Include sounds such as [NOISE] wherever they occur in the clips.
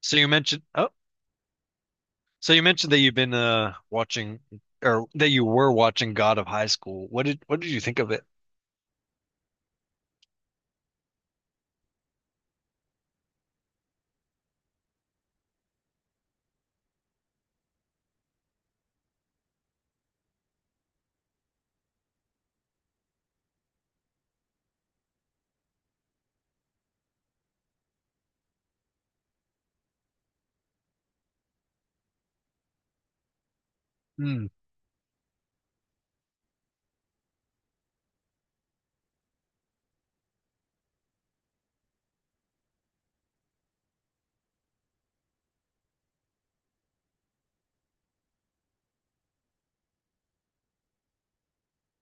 So you mentioned that you've been watching or that you were watching God of High School. What did you think of it? Hmm.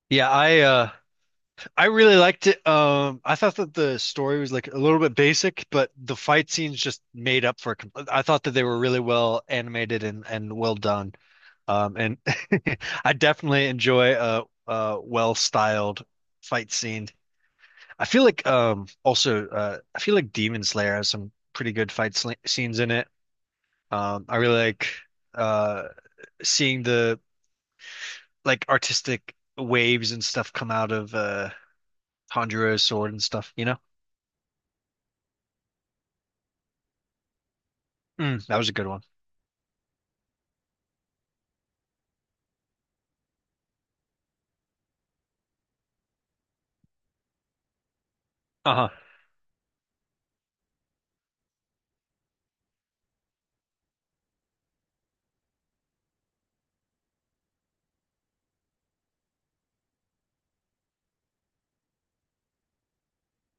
Yeah, I really liked it. I thought that the story was like a little bit basic, but the fight scenes just made up for it. I thought that they were really well animated and well done. And [LAUGHS] I definitely enjoy a well-styled fight scene. I feel like also I feel like Demon Slayer has some pretty good fight sl scenes in it. I really like uh seeing the like artistic waves and stuff come out of Tanjiro's sword and stuff, you know? Mm, that was a good one. Uh-huh.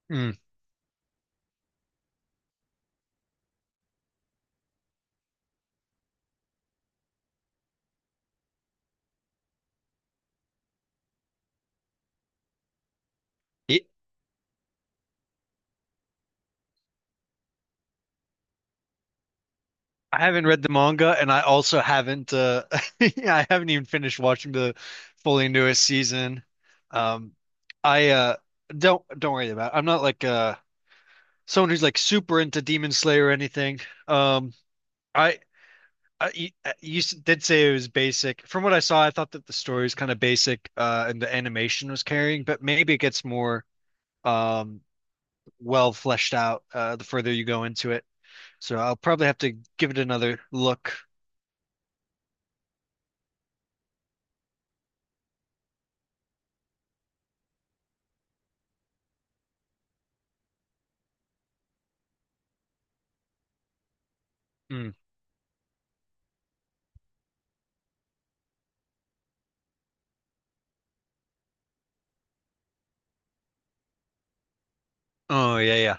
Mm. It, I haven't read the manga and I also haven't [LAUGHS] yeah, I haven't even finished watching the fully newest season. Um I Don't worry about it. I'm not like someone who's like super into Demon Slayer or anything. Um I you did say it was basic. From what I saw, I thought that the story was kind of basic, and the animation was carrying, but maybe it gets more um well fleshed out the further you go into it. So I'll probably have to give it another look. Mm. Oh yeah, yeah,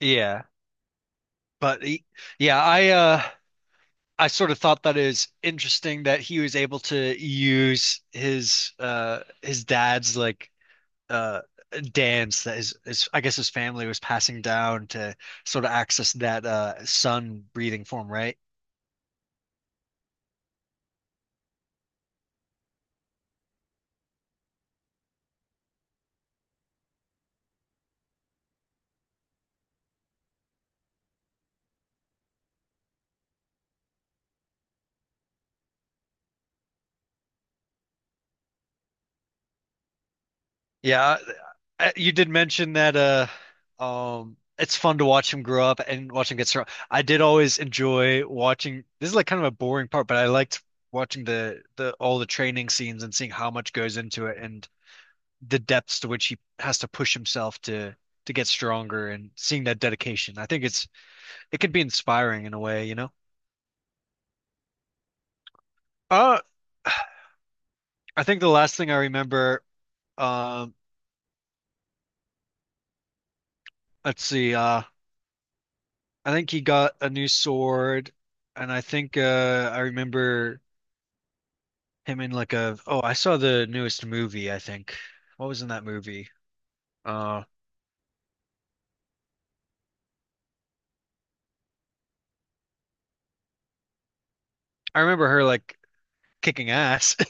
yeah. But he, yeah, I sort of thought that is interesting that he was able to use his dad's like uh dance that is I guess his family was passing down to sort of access that sun breathing form, right? Yeah, you did mention that it's fun to watch him grow up and watch him get strong. I did always enjoy watching this is like kind of a boring part, but I liked watching the all the training scenes and seeing how much goes into it and the depths to which he has to push himself to get stronger and seeing that dedication. I think it could be inspiring in a way, you know? Uh, [SIGHS] I think the last thing I remember, um, let's see, I think he got a new sword, and I think I remember him in like a, oh, I saw the newest movie, I think. What was in that movie? Uh, I remember her like kicking ass. [LAUGHS]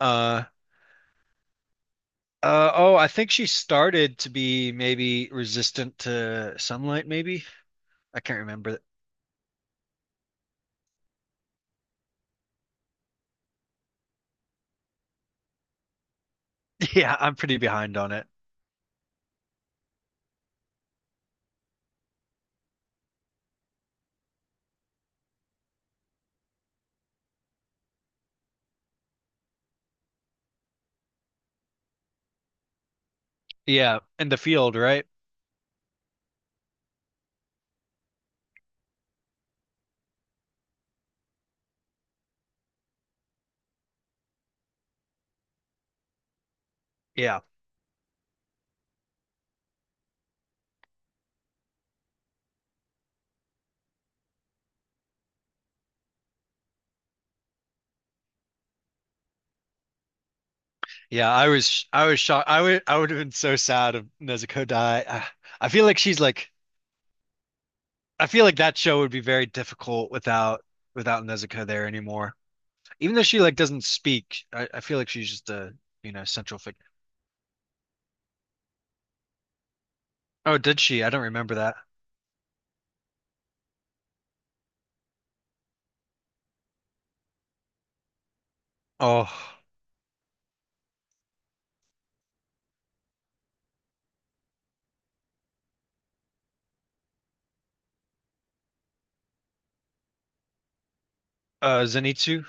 Uh, oh, I think she started to be maybe resistant to sunlight, maybe. I can't remember. [LAUGHS] Yeah, I'm pretty behind on it. Yeah, in the field, right? Yeah. Yeah, I was sh- I was shocked. I would have been so sad if Nezuko died. I feel like she's like I feel like that show would be very difficult without Nezuko there anymore. Even though she like doesn't speak, I feel like she's just a you know central figure. Oh, did she? I don't remember that. Oh, Zenitsu.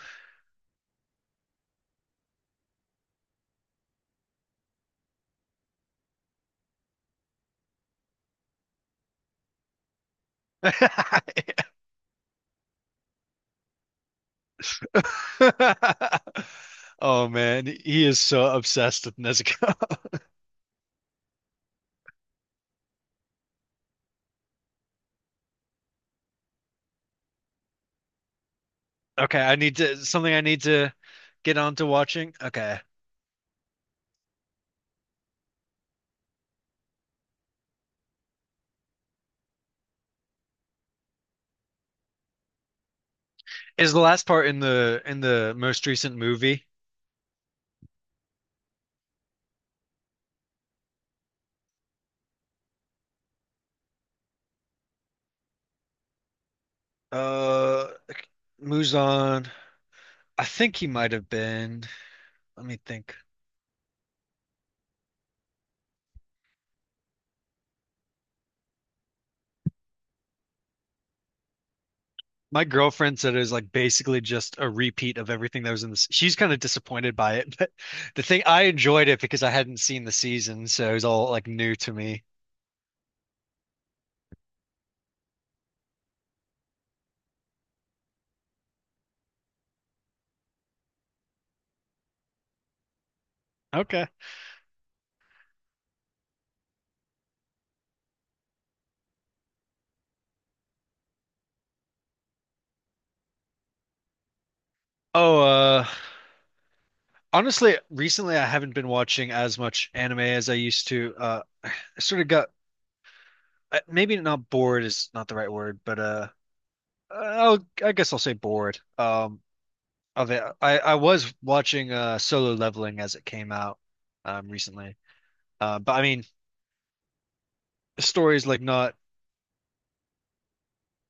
[LAUGHS] Oh man, he is so obsessed with Nezuko. [LAUGHS] Okay, I need to get on to watching. Okay. Is the last part in the most recent movie? Uh, Muzan. I think he might have been. Let me think. My girlfriend said it was like basically just a repeat of everything that was in this. She's kind of disappointed by it, [LAUGHS] but the thing I enjoyed it because I hadn't seen the season, so it was all like new to me. Okay. Oh, honestly, recently I haven't been watching as much anime as I used to. I sort of got maybe not bored is not the right word, but I guess I'll say bored of it. I was watching Solo Leveling as it came out recently, but I mean, the story's like not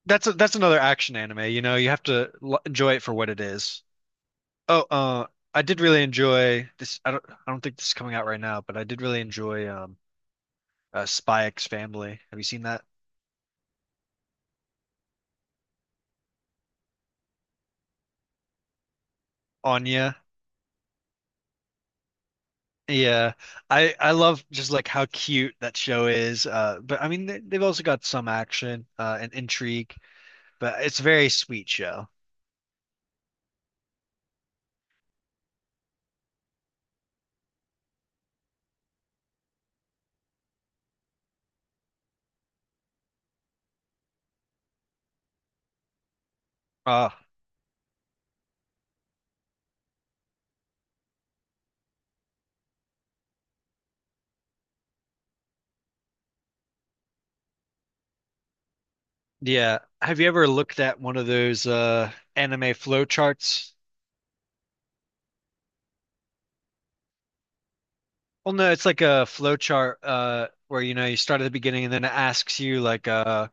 that's that's another action anime. You know, you have to l enjoy it for what it is. Oh, I did really enjoy this. I don't think this is coming out right now, but I did really enjoy Spy X Family. Have you seen that? Anya. Yeah, I love just like how cute that show is. But I mean, they've also got some action and intrigue. But it's a very sweet show. Oh, yeah. Have you ever looked at one of those anime flow charts? Well, no, it's like a flow chart where you know you start at the beginning and then it asks you like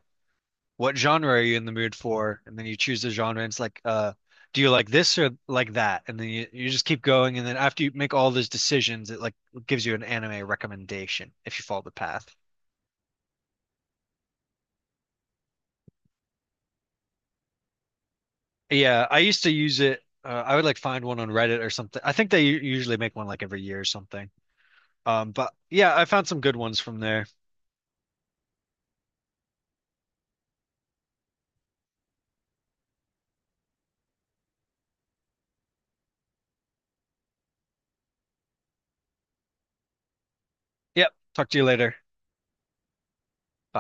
what genre are you in the mood for? And then you choose the genre and it's like do you like this or like that? And then you just keep going and then after you make all those decisions it like gives you an anime recommendation if you follow the path. Yeah, I used to use it I would like find one on Reddit or something. I think they usually make one like every year or something. But yeah, I found some good ones from there. Yep. Talk to you later. Bye.